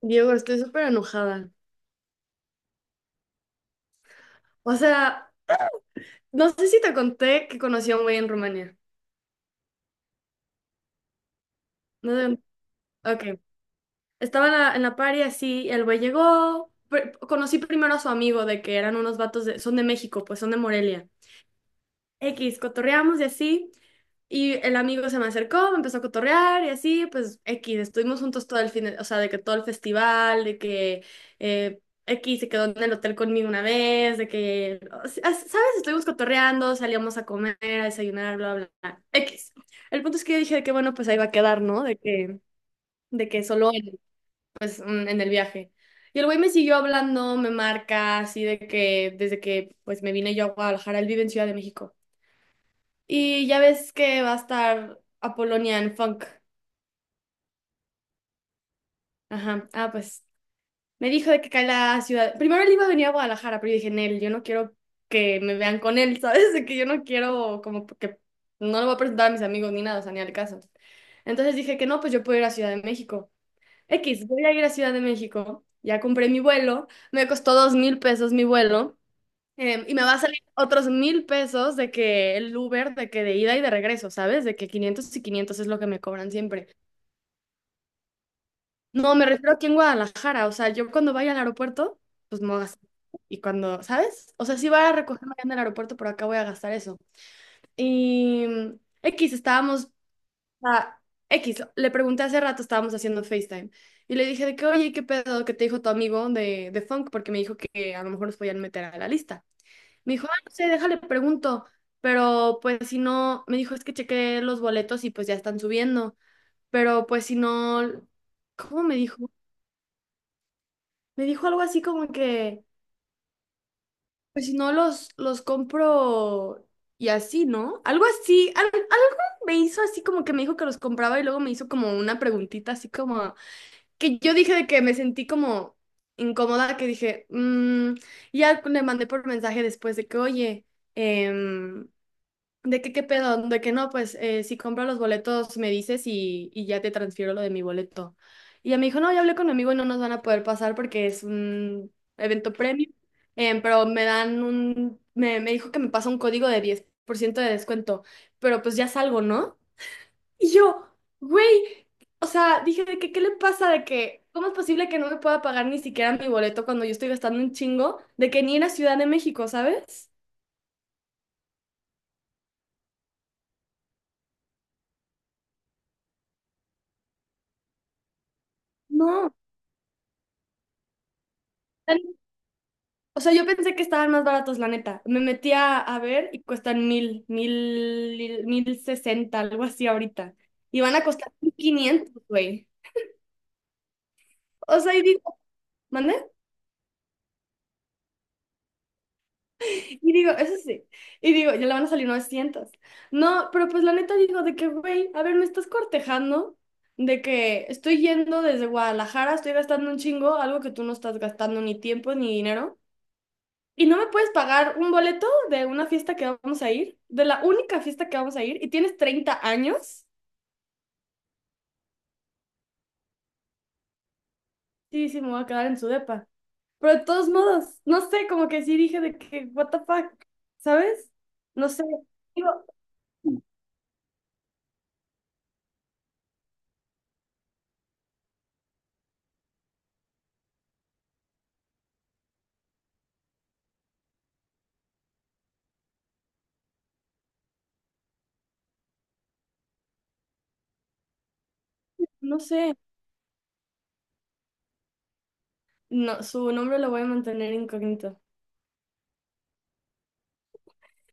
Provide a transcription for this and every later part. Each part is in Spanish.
Diego, estoy súper enojada. O sea, no sé si te conté que conocí a un güey en Rumania. No te- Ok. Estaba en la party así, el güey llegó. Conocí primero a su amigo de que eran unos vatos de, son de México, pues son de Morelia. X, cotorreamos y así. Y el amigo se me acercó, me empezó a cotorrear y así, pues X, estuvimos juntos todo el fin, o sea, de que todo el festival, de que eh, X se quedó en el hotel conmigo una vez, de que, o sea, ¿sabes? Estuvimos cotorreando, salíamos a comer, a desayunar, bla, bla, bla. X. El punto es que yo dije de que, bueno, pues ahí va a quedar, ¿no? De que solo él, pues en el viaje. Y el güey me siguió hablando, me marca, así de que desde que pues me vine yo a Guadalajara, él vive en Ciudad de México. Y ya ves que va a estar Apolonia Funk. Ajá. Ah, pues me dijo de que cae la ciudad. Primero él iba a venir a Guadalajara, pero yo dije, Nel, yo no quiero que me vean con él, ¿sabes? De que yo no quiero, como que no lo voy a presentar a mis amigos ni nada, o sea, ni al caso. Entonces dije que no, pues yo puedo ir a Ciudad de México. X, voy a ir a Ciudad de México. Ya compré mi vuelo, me costó 2000 pesos mi vuelo. Y me va a salir otros 1000 pesos de que el Uber, de que de ida y de regreso, ¿sabes? De que 500 y 500 es lo que me cobran siempre. No, me refiero aquí en Guadalajara. O sea, yo cuando vaya al aeropuerto, pues no gasto. Y cuando, ¿sabes? O sea, sí voy a recogerme allá en el aeropuerto, pero acá voy a gastar eso. Y X, estábamos, a X, le pregunté hace rato, estábamos haciendo FaceTime. Y le dije de que, oye, ¿qué pedo que te dijo tu amigo de Funk? Porque me dijo que a lo mejor nos podían meter a la lista. Me dijo, ah, no sé, déjale, pregunto. Pero pues si no, me dijo, es que chequé los boletos y pues ya están subiendo. Pero pues si no, ¿cómo me dijo? Me dijo algo así como que, pues si no los compro y así, ¿no? Algo así, algo me hizo así como que me dijo que los compraba y luego me hizo como una preguntita así como, que yo dije de que me sentí como incómoda, que dije, mm, y ya le mandé por mensaje después de que, oye, em, de que qué pedo, de que no, pues si compro los boletos me dices y ya te transfiero lo de mi boleto. Y ella me dijo, no, ya hablé con mi amigo y no nos van a poder pasar porque es un evento premium, pero me dijo que me pasa un código de 10% de descuento, pero pues ya salgo, ¿no? Y yo, güey, o sea, dije, ¿de que qué le pasa? De que, ¿cómo es posible que no me pueda pagar ni siquiera mi boleto cuando yo estoy gastando un chingo de que ni en la Ciudad de México, ¿sabes? No. O sea, yo pensé que estaban más baratos, la neta. Me metí a ver y cuestan mil sesenta, algo así ahorita. Y van a costar 1500, güey. O sea, y digo, ¿mande? Y digo, eso sí. Y digo, ya le van a salir 900. No, pero pues la neta digo, de que, güey, a ver, me estás cortejando de que estoy yendo desde Guadalajara, estoy gastando un chingo, algo que tú no estás gastando ni tiempo ni dinero. ¿Y no me puedes pagar un boleto de una fiesta que vamos a ir? De la única fiesta que vamos a ir. ¿Y tienes 30 años? Sí, sí, me voy a quedar en su depa. Pero de todos modos, no sé, como que sí dije de que, what the fuck, ¿sabes? No sé. Digo, no sé. No, su nombre lo voy a mantener incógnito.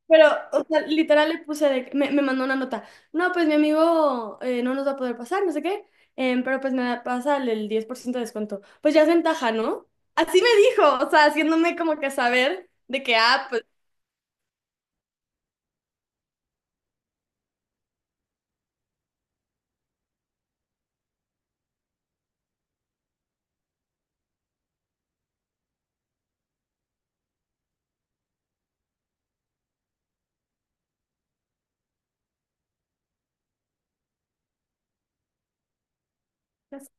Pero, o sea, literal le puse, me mandó una nota. No, pues mi amigo no nos va a poder pasar, no sé qué, pero pues pasa el 10% de descuento. Pues ya es ventaja, ¿no? Así me dijo, o sea, haciéndome como que saber de que, ah, pues,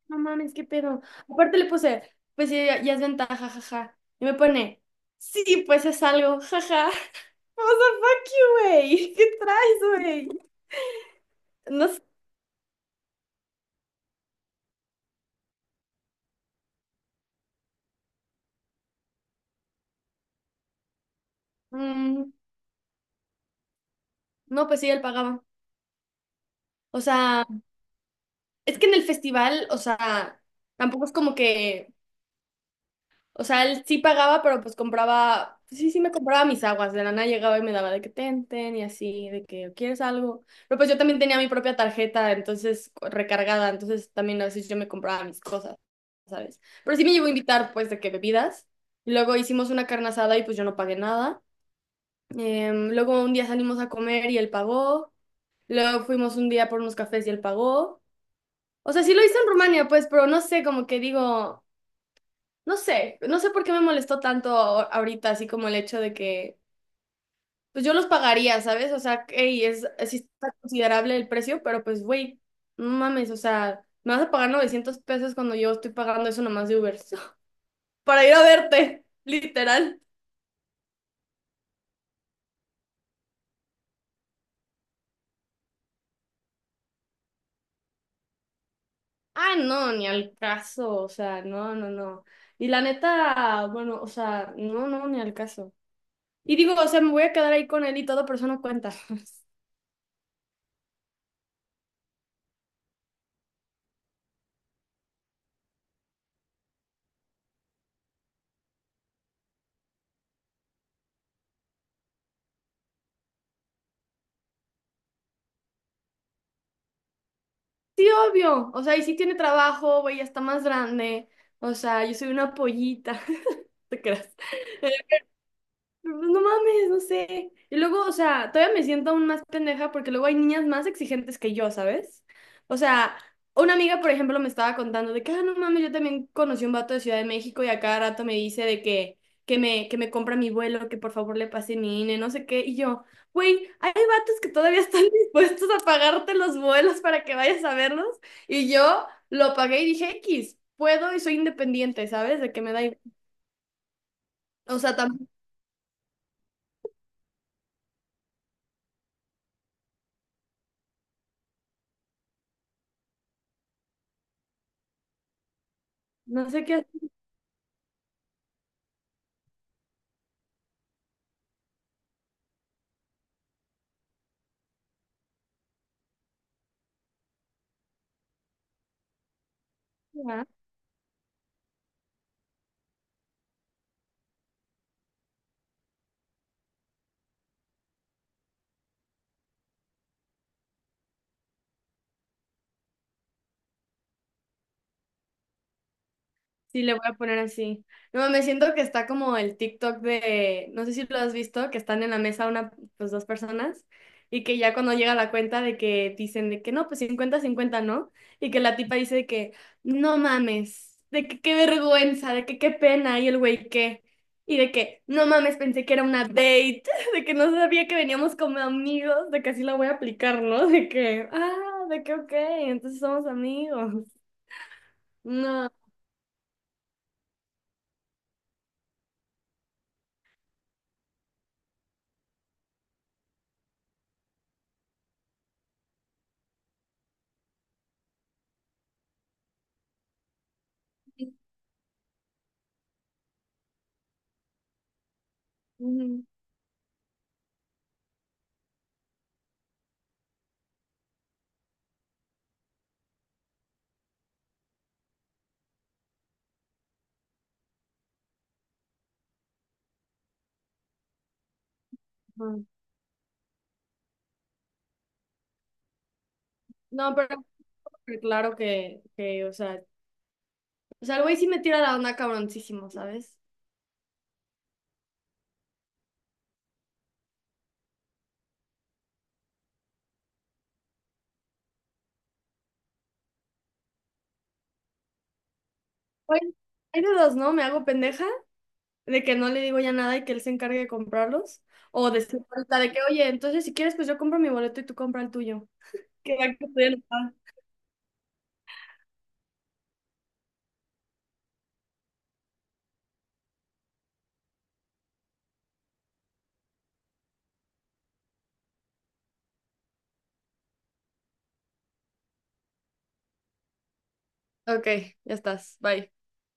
no mames, qué pedo. Aparte le puse, pues sí, ya, ya es ventaja, jaja. Y me pone, sí, pues es algo, jaja. O sea, fuck you, güey. ¿Qué traes, güey? No sé. Mm, no, pues sí, él pagaba. O sea. Es que en el festival, o sea, tampoco es como que, o sea, él sí pagaba, pero pues compraba, pues sí, sí me compraba mis aguas, de la nada llegaba y me daba de que ten, ten, y así, de que quieres algo. Pero pues yo también tenía mi propia tarjeta, entonces recargada, entonces también a veces yo me compraba mis cosas, ¿sabes? Pero sí me llegó a invitar, pues, de que bebidas. Y luego hicimos una carne asada y pues yo no pagué nada. Luego un día salimos a comer y él pagó. Luego fuimos un día por unos cafés y él pagó. O sea, sí lo hice en Rumania, pues, pero no sé, como que digo, no sé, no sé por qué me molestó tanto ahorita, así como el hecho de que, pues yo los pagaría, ¿sabes? O sea, hey, es, sí está considerable el precio, pero pues, güey, no mames, o sea, me vas a pagar 900 pesos cuando yo estoy pagando eso nomás de Uber, para ir a verte, literal. Ah, no, ni al caso, o sea, no, no, no. Y la neta, bueno, o sea, no, no, ni al caso. Y digo, o sea, me voy a quedar ahí con él y todo, pero eso no cuenta. Sí, obvio. O sea, y sí tiene trabajo, güey, ya está más grande. O sea, yo soy una pollita. ¿Te creas? No mames, no sé. Y luego, o sea, todavía me siento aún más pendeja porque luego hay niñas más exigentes que yo, ¿sabes? O sea, una amiga, por ejemplo, me estaba contando de que, ah, no mames, yo también conocí un vato de Ciudad de México y a cada rato me dice de que, que me compra mi vuelo, que por favor le pase mi INE, no sé qué. Y yo, güey, hay vatos que todavía están dispuestos a pagarte los vuelos para que vayas a verlos. Y yo lo pagué y dije, X, puedo y soy independiente, ¿sabes? De que me da igual. O sea, no sé qué hacer. Sí, le voy a poner así. No, me siento que está como el TikTok de, no sé si lo has visto, que están en la mesa una, pues dos personas y que ya cuando llega la cuenta de que dicen de que no, pues 50/50, ¿no? Y que la tipa dice de que no mames, de que qué vergüenza, de que qué pena y el güey qué. Y de que no mames, pensé que era una date, de que no sabía que veníamos como amigos, de que así la voy a aplicar, ¿no? De que, ah, de que ok, entonces somos amigos. No. Ujú. No. No, pero claro que, o sea, el güey sí me tira la onda cabroncísimo, ¿sabes? Oye, hay de dos, ¿no? Me hago pendeja de que no le digo ya nada y que él se encargue de comprarlos. O de ser ahorita de que, oye, entonces si quieres, pues yo compro mi boleto y tú compra el tuyo. Que va que estoy enojada. Ok, ya estás. Bye.